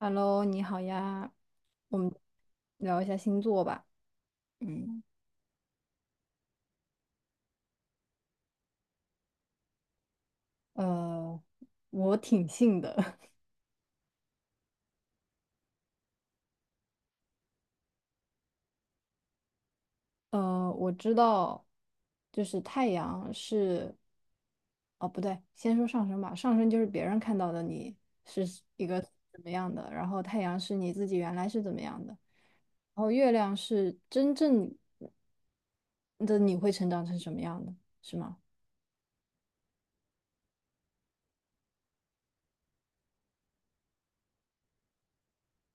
Hello，你好呀，我们聊一下星座吧。嗯，呃，我挺信的。我知道，就是太阳是，哦，不对，先说上升吧。上升就是别人看到的你是一个怎么样的，然后太阳是你自己原来是怎么样的，然后月亮是真正的你会成长成什么样的，是吗？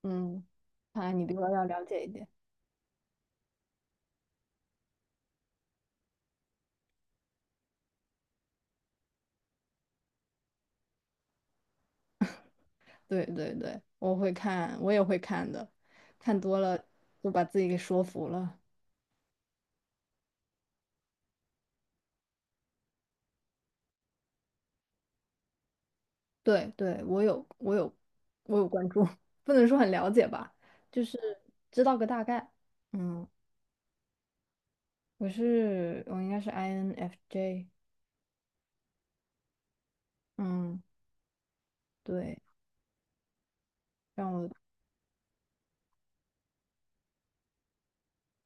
嗯，看来你比我要了解一点。对对对，我会看，我也会看的，看多了就把自己给说服了。对对，我有关注，不能说很了解吧，就是知道个大概。嗯，我应该是 INFJ。嗯，对，让我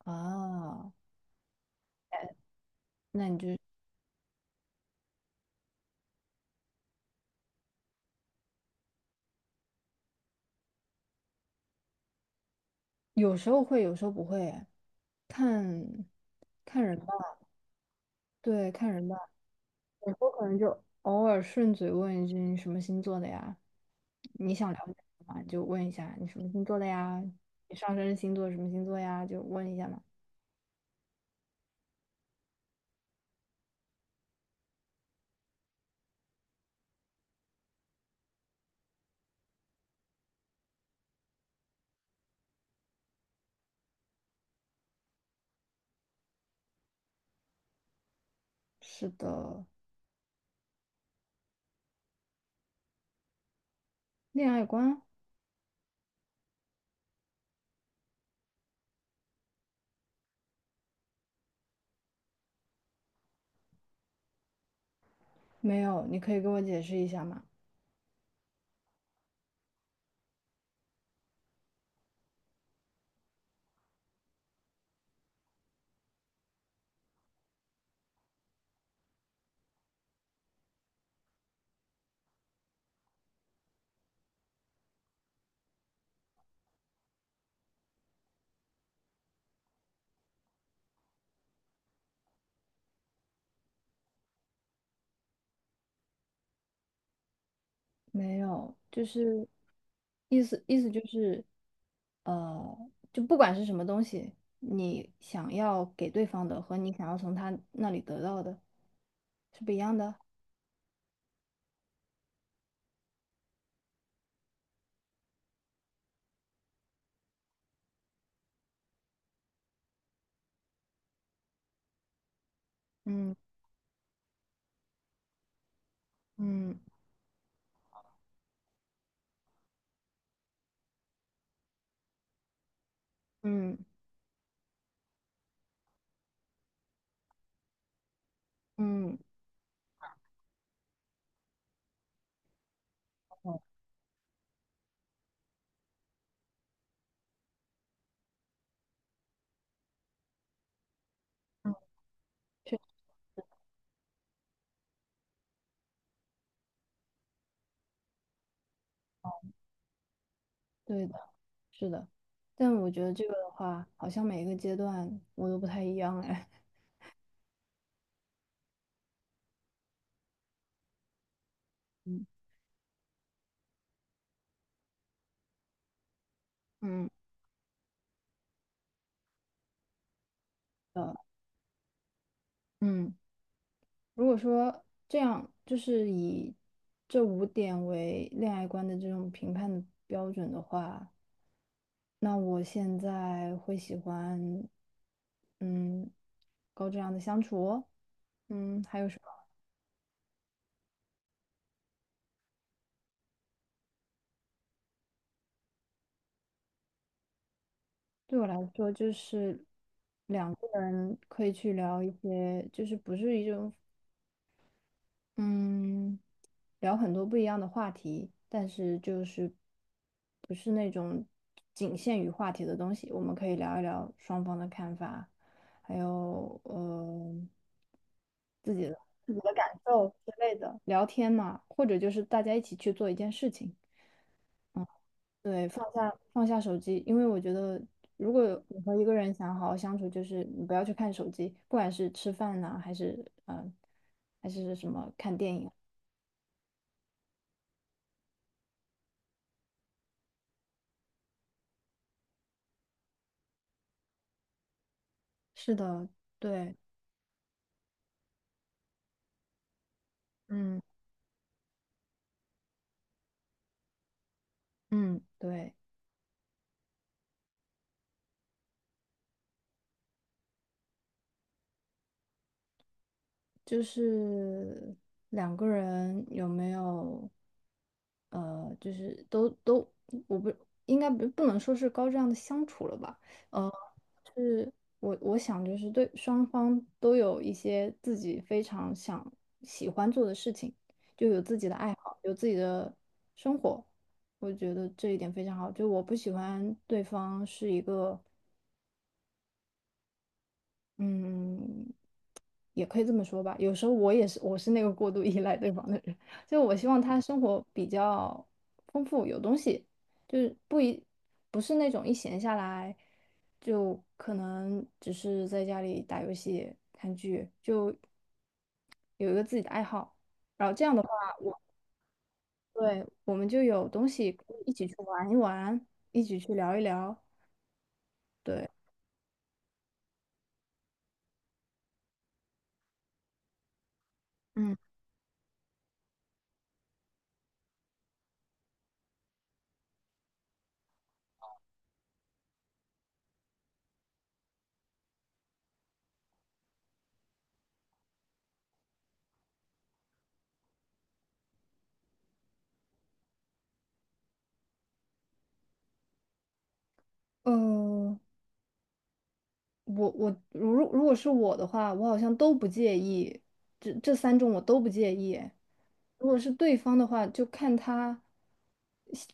啊，那你就有时候会，有时候不会啊，看看人吧。对，看人吧。我可能就偶尔顺嘴问一句你什么星座的呀？你想了解什么？就问一下你什么星座的呀？你上升星座什么星座呀？就问一下嘛。是的，恋爱观没有，你可以给我解释一下吗？没有，就是意思就是，就不管是什么东西，你想要给对方的和你想要从他那里得到的是不一样的。嗯嗯嗯嗯，嗯，确对的，是的，但我觉得这个的话，好像每个阶段我都不太一样哎。嗯嗯，呃，嗯，如果说这样，就是以这五点为恋爱观的这种评判的标准的话，那我现在会喜欢，嗯，高质量的相处哦，还有什么？对我来说，就是两个人可以去聊一些，就是不是一种，嗯。聊很多不一样的话题，但是就是不是那种仅限于话题的东西，我们可以聊一聊双方的看法，还有自己的自己的感受之类的，聊天嘛，或者就是大家一起去做一件事情。嗯，对，放下放下手机，因为我觉得，如果你和一个人想好好相处，就是你不要去看手机，不管是吃饭呐、还是还是什么看电影。是的，对，嗯。嗯，对，就是两个人有没有，就是都，我不应该不不能说是高质量的相处了吧？呃，是我想就是对双方都有一些自己非常想喜欢做的事情，就有自己的爱好，有自己的生活，我觉得这一点非常好。就我不喜欢对方是一个。嗯，也可以这么说吧。有时候我也是，我是那个过度依赖对方的人，就我希望他生活比较丰富，有东西，就是不是那种一闲下来就可能只是在家里打游戏、看剧，就有一个自己的爱好。然后这样的话，我对我们就有东西可以一起去玩一玩，一起去聊一聊。对，嗯，嗯、我我如如果是我的话，我好像都不介意，这三种我都不介意。如果是对方的话，就看他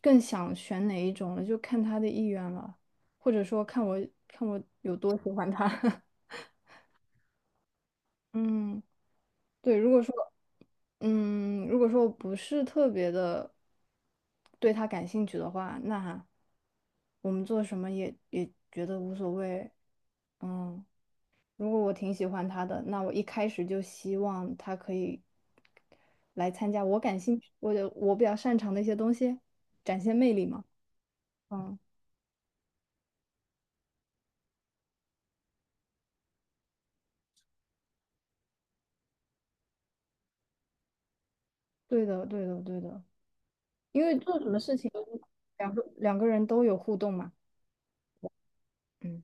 更想选哪一种了，就看他的意愿了，或者说看我有多喜欢他。嗯，对，如果说我不是特别的对他感兴趣的话，那我们做什么也觉得无所谓。嗯。如果我挺喜欢他的，那我一开始就希望他可以来参加我感兴趣、我比较擅长的一些东西，展现魅力嘛。嗯，对的，对的，对的，因为做什么事情，两个人都有互动嘛。嗯，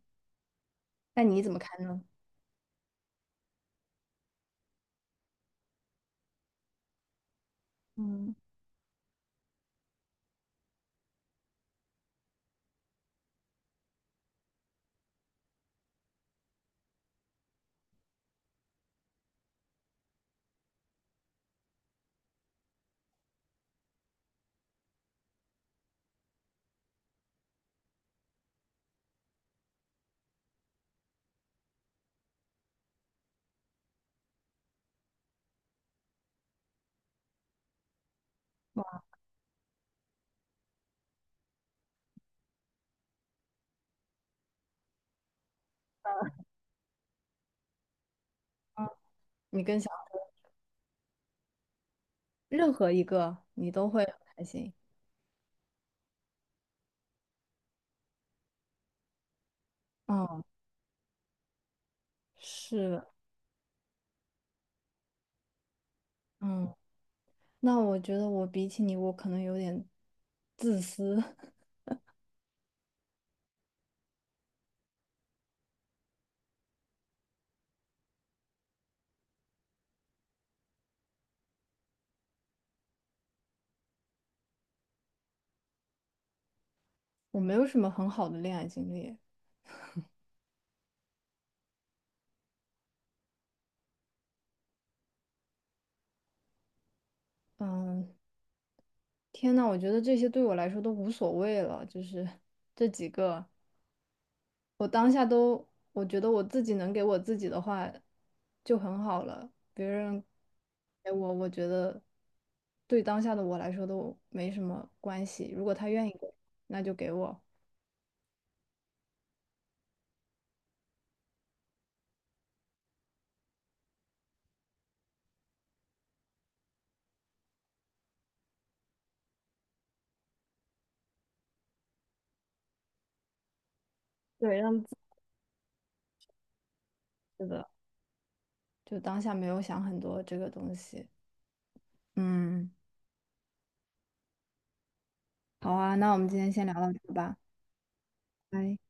那你怎么看呢？嗯，哇你更想任何一个你都会很开心。嗯，是，的，嗯，那我觉得我比起你，我可能有点自私，我没有什么很好的恋爱经历。嗯，天呐，我觉得这些对我来说都无所谓了，就是这几个，我当下都，我觉得我自己能给我自己的话就很好了，别人给我，我觉得对当下的我来说都没什么关系。如果他愿意给，那就给我，对，让自己的，就当下没有想很多这个东西。嗯，好啊，那我们今天先聊到这吧，拜。